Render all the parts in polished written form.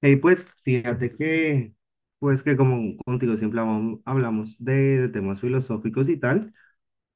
Y pues fíjate que, pues que como contigo siempre hablamos de temas filosóficos y tal,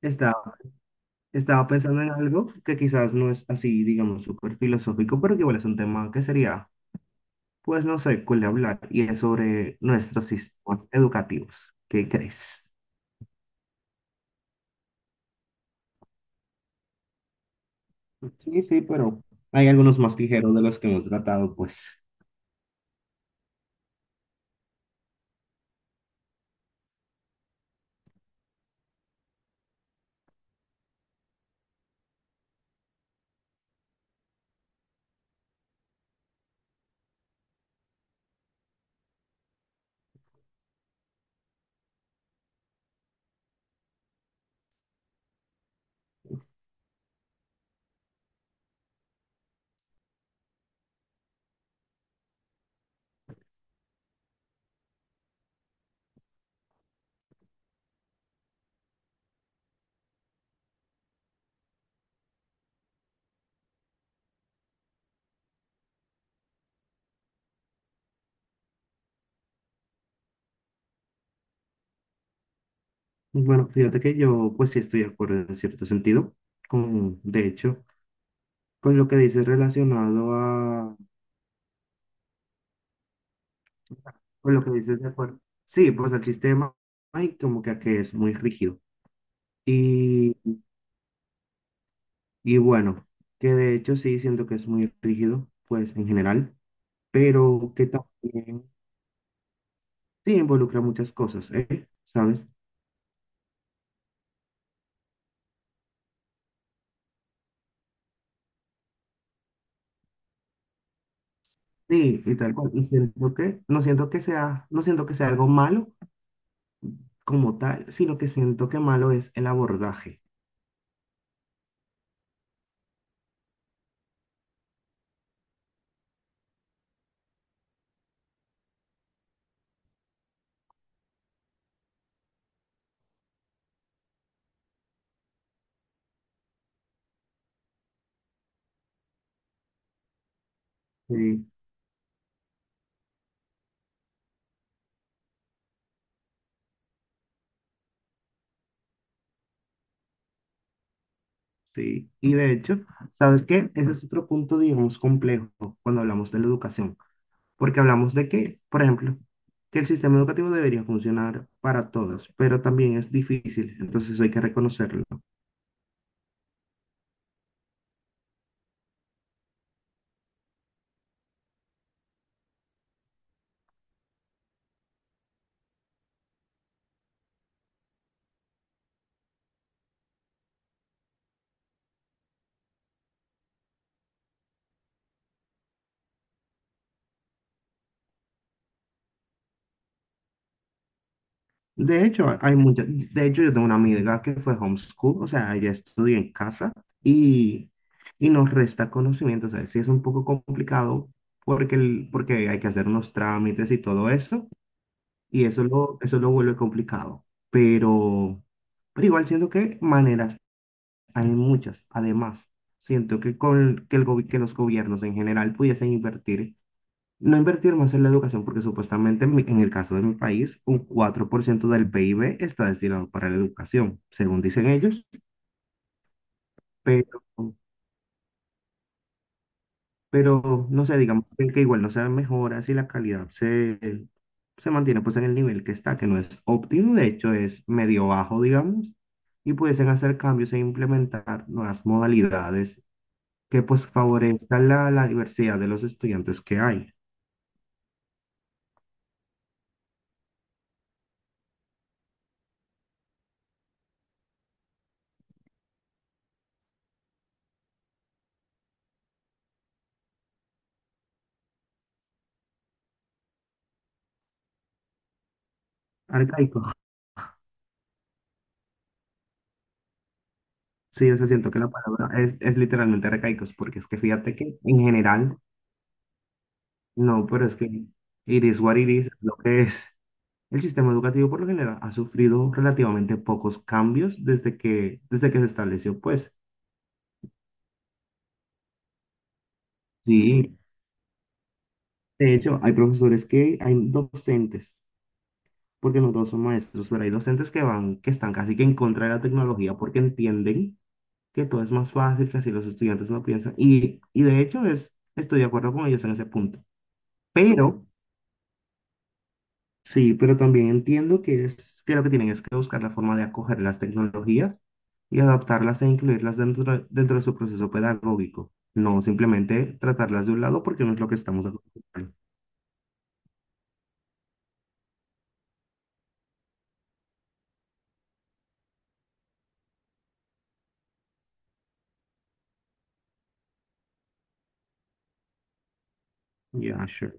estaba, estaba pensando en algo que quizás no es así, digamos, súper filosófico, pero que igual es un tema que sería, pues no sé, cuál hablar, y es sobre nuestros sistemas educativos. ¿Qué crees? Sí, sí, pero hay algunos más ligeros de los que hemos tratado, pues. Bueno, fíjate que yo, pues sí estoy de acuerdo en cierto sentido, con, de hecho, con lo que dices relacionado a. Con lo que dices, de acuerdo. Sí, pues el sistema hay como que es muy rígido. Y, y bueno, que de hecho sí siento que es muy rígido, pues en general, pero que también sí involucra muchas cosas, ¿eh? ¿Sabes? Sí, y tal cual. Y siento que, no siento que sea algo malo como tal, sino que siento que malo es el abordaje. Sí, sí. Y de hecho, ¿sabes qué? Ese es otro punto, digamos, complejo cuando hablamos de la educación. Porque hablamos de que, por ejemplo, que el sistema educativo debería funcionar para todos, pero también es difícil, entonces hay que reconocerlo. De hecho, hay mucha, de hecho, yo tengo una amiga que fue homeschool, o sea, ella estudió en casa y, y nos resta conocimiento, o sea, sí es un poco complicado porque, porque hay que hacer unos trámites y todo eso, y eso lo vuelve complicado, pero, pero igual siento que maneras hay muchas. Además, siento que, con, que, el, gobi- que los gobiernos en general pudiesen invertir, no invertir más en la educación, porque supuestamente en el caso de mi país, un 4% del PIB está destinado para la educación, según dicen ellos, pero, pero no sé, digamos que igual no se dan mejoras y se mantiene pues en el nivel que está, que no es óptimo, de hecho es medio bajo, digamos, y pudiesen hacer cambios e implementar nuevas modalidades que pues favorezca la diversidad de los estudiantes que hay. Arcaico. Sí, yo siento que la palabra es literalmente arcaicos, porque es que fíjate que en general, no, pero es que it is what it is, es lo que es. El sistema educativo por lo general ha sufrido relativamente pocos cambios desde que se estableció, pues. Sí, de hecho, hay docentes, porque no todos son maestros, pero hay docentes que van, que están casi que en contra de la tecnología porque entienden que todo es más fácil, que así los estudiantes no piensan. Y de hecho es, estoy de acuerdo con ellos en ese punto. Pero, sí, pero también entiendo que es que lo que tienen es que buscar la forma de acoger las tecnologías y adaptarlas e incluirlas dentro de su proceso pedagógico. No simplemente tratarlas de un lado porque no es lo que estamos acostumbrados. Yeah, sure.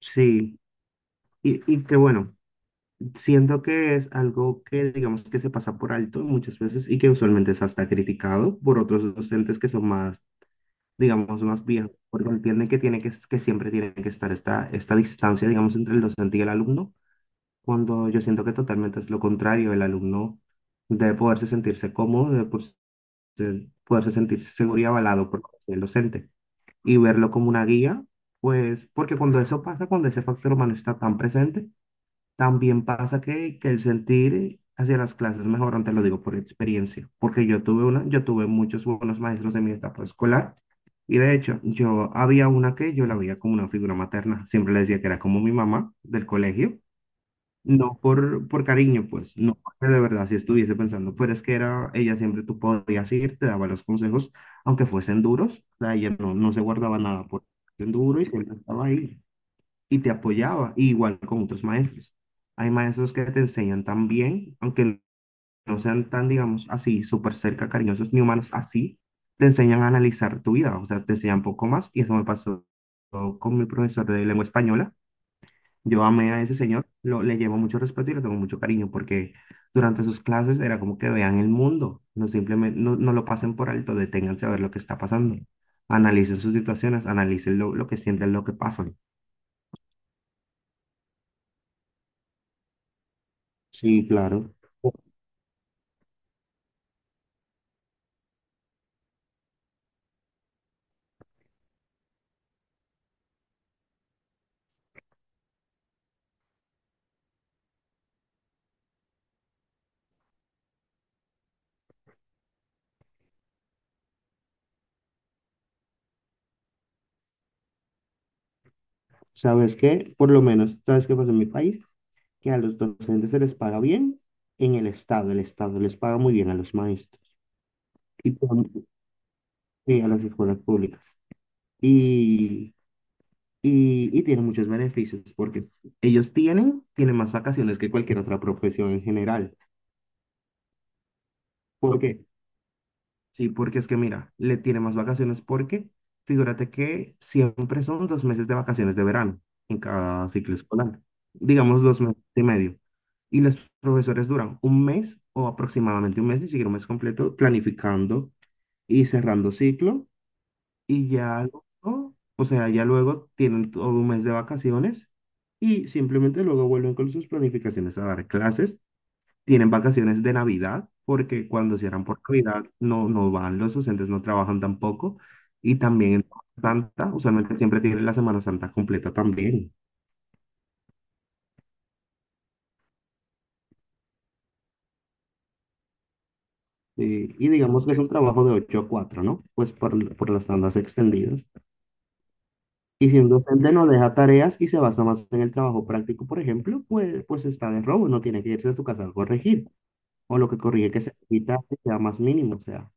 Sí. Y que bueno, siento que es algo que digamos que se pasa por alto muchas veces y que usualmente es hasta criticado por otros docentes que son más, digamos, más viejos, porque entienden que, tiene que siempre tiene que estar esta distancia, digamos, entre el docente y el alumno, cuando yo siento que totalmente es lo contrario, el alumno debe poderse sentirse cómodo, poderse sentirse seguro y avalado por el docente y verlo como una guía, pues porque cuando eso pasa, cuando ese factor humano está tan presente, también pasa que el sentir hacia las clases mejor te lo digo por experiencia, porque yo tuve muchos buenos maestros en mi etapa escolar, y de hecho yo había una que yo la veía como una figura materna, siempre le decía que era como mi mamá del colegio, no por, por cariño, pues, no porque de verdad si estuviese pensando, pero es que era, ella siempre tú podías ir, te daba los consejos, aunque fuesen duros, o sea, ella no, no se guardaba nada por duro, y siempre estaba ahí y te apoyaba, y igual con otros maestros. Hay maestros que te enseñan tan bien, aunque no sean tan, digamos, así, súper cerca, cariñosos ni humanos, así, te enseñan a analizar tu vida, o sea, te enseñan poco más, y eso me pasó con mi profesor de lengua española. Yo amé a ese señor, le llevo mucho respeto y le tengo mucho cariño, porque durante sus clases era como que vean el mundo, no simplemente, no lo pasen por alto, deténganse a ver lo que está pasando, analicen sus situaciones, analicen lo que sienten, lo que pasan. Sí, claro. ¿Sabes qué? Por lo menos, ¿sabes qué pasa en mi país? Que a los docentes se les paga bien en el Estado. El Estado les paga muy bien a los maestros y, con- y a las escuelas públicas. Y, y tienen muchos beneficios porque tienen más vacaciones que cualquier otra profesión en general. ¿Por qué? Sí, porque es que mira, le tiene más vacaciones porque figúrate que siempre son 2 meses de vacaciones de verano en cada ciclo escolar, digamos 2 meses y medio. Y los profesores duran un mes o aproximadamente un mes, ni siquiera un mes completo, planificando y cerrando ciclo. Y ya luego, o sea, ya luego tienen todo un mes de vacaciones y simplemente luego vuelven con sus planificaciones a dar clases. Tienen vacaciones de Navidad, porque cuando cierran por Navidad no van los docentes, no trabajan tampoco. Y también en Semana Santa, usualmente siempre tienen la Semana Santa completa también. Y digamos que es un trabajo de 8 a 4, ¿no? Pues por las tandas extendidas. Y si un docente no deja tareas y se basa más en el trabajo práctico, por ejemplo, pues, pues está de robo, no tiene que irse a su casa a corregir. O lo que corrige que se quita que sea más mínimo, o sea.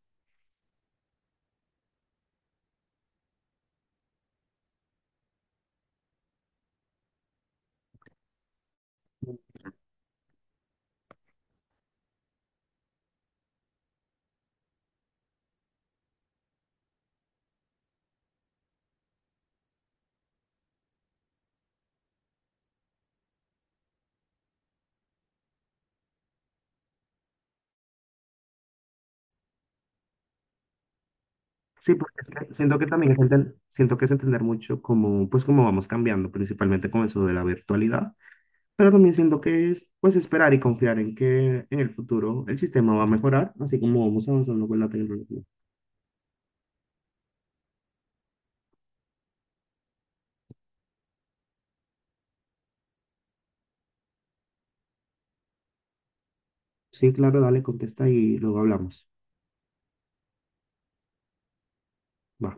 Sí, porque es que siento que también es entender, siento que es entender mucho cómo, pues cómo vamos cambiando, principalmente con eso de la virtualidad, pero también siento que es pues esperar y confiar en que en el futuro el sistema va a mejorar, así como vamos avanzando con la tecnología. Sí, claro, dale, contesta y luego hablamos. Va.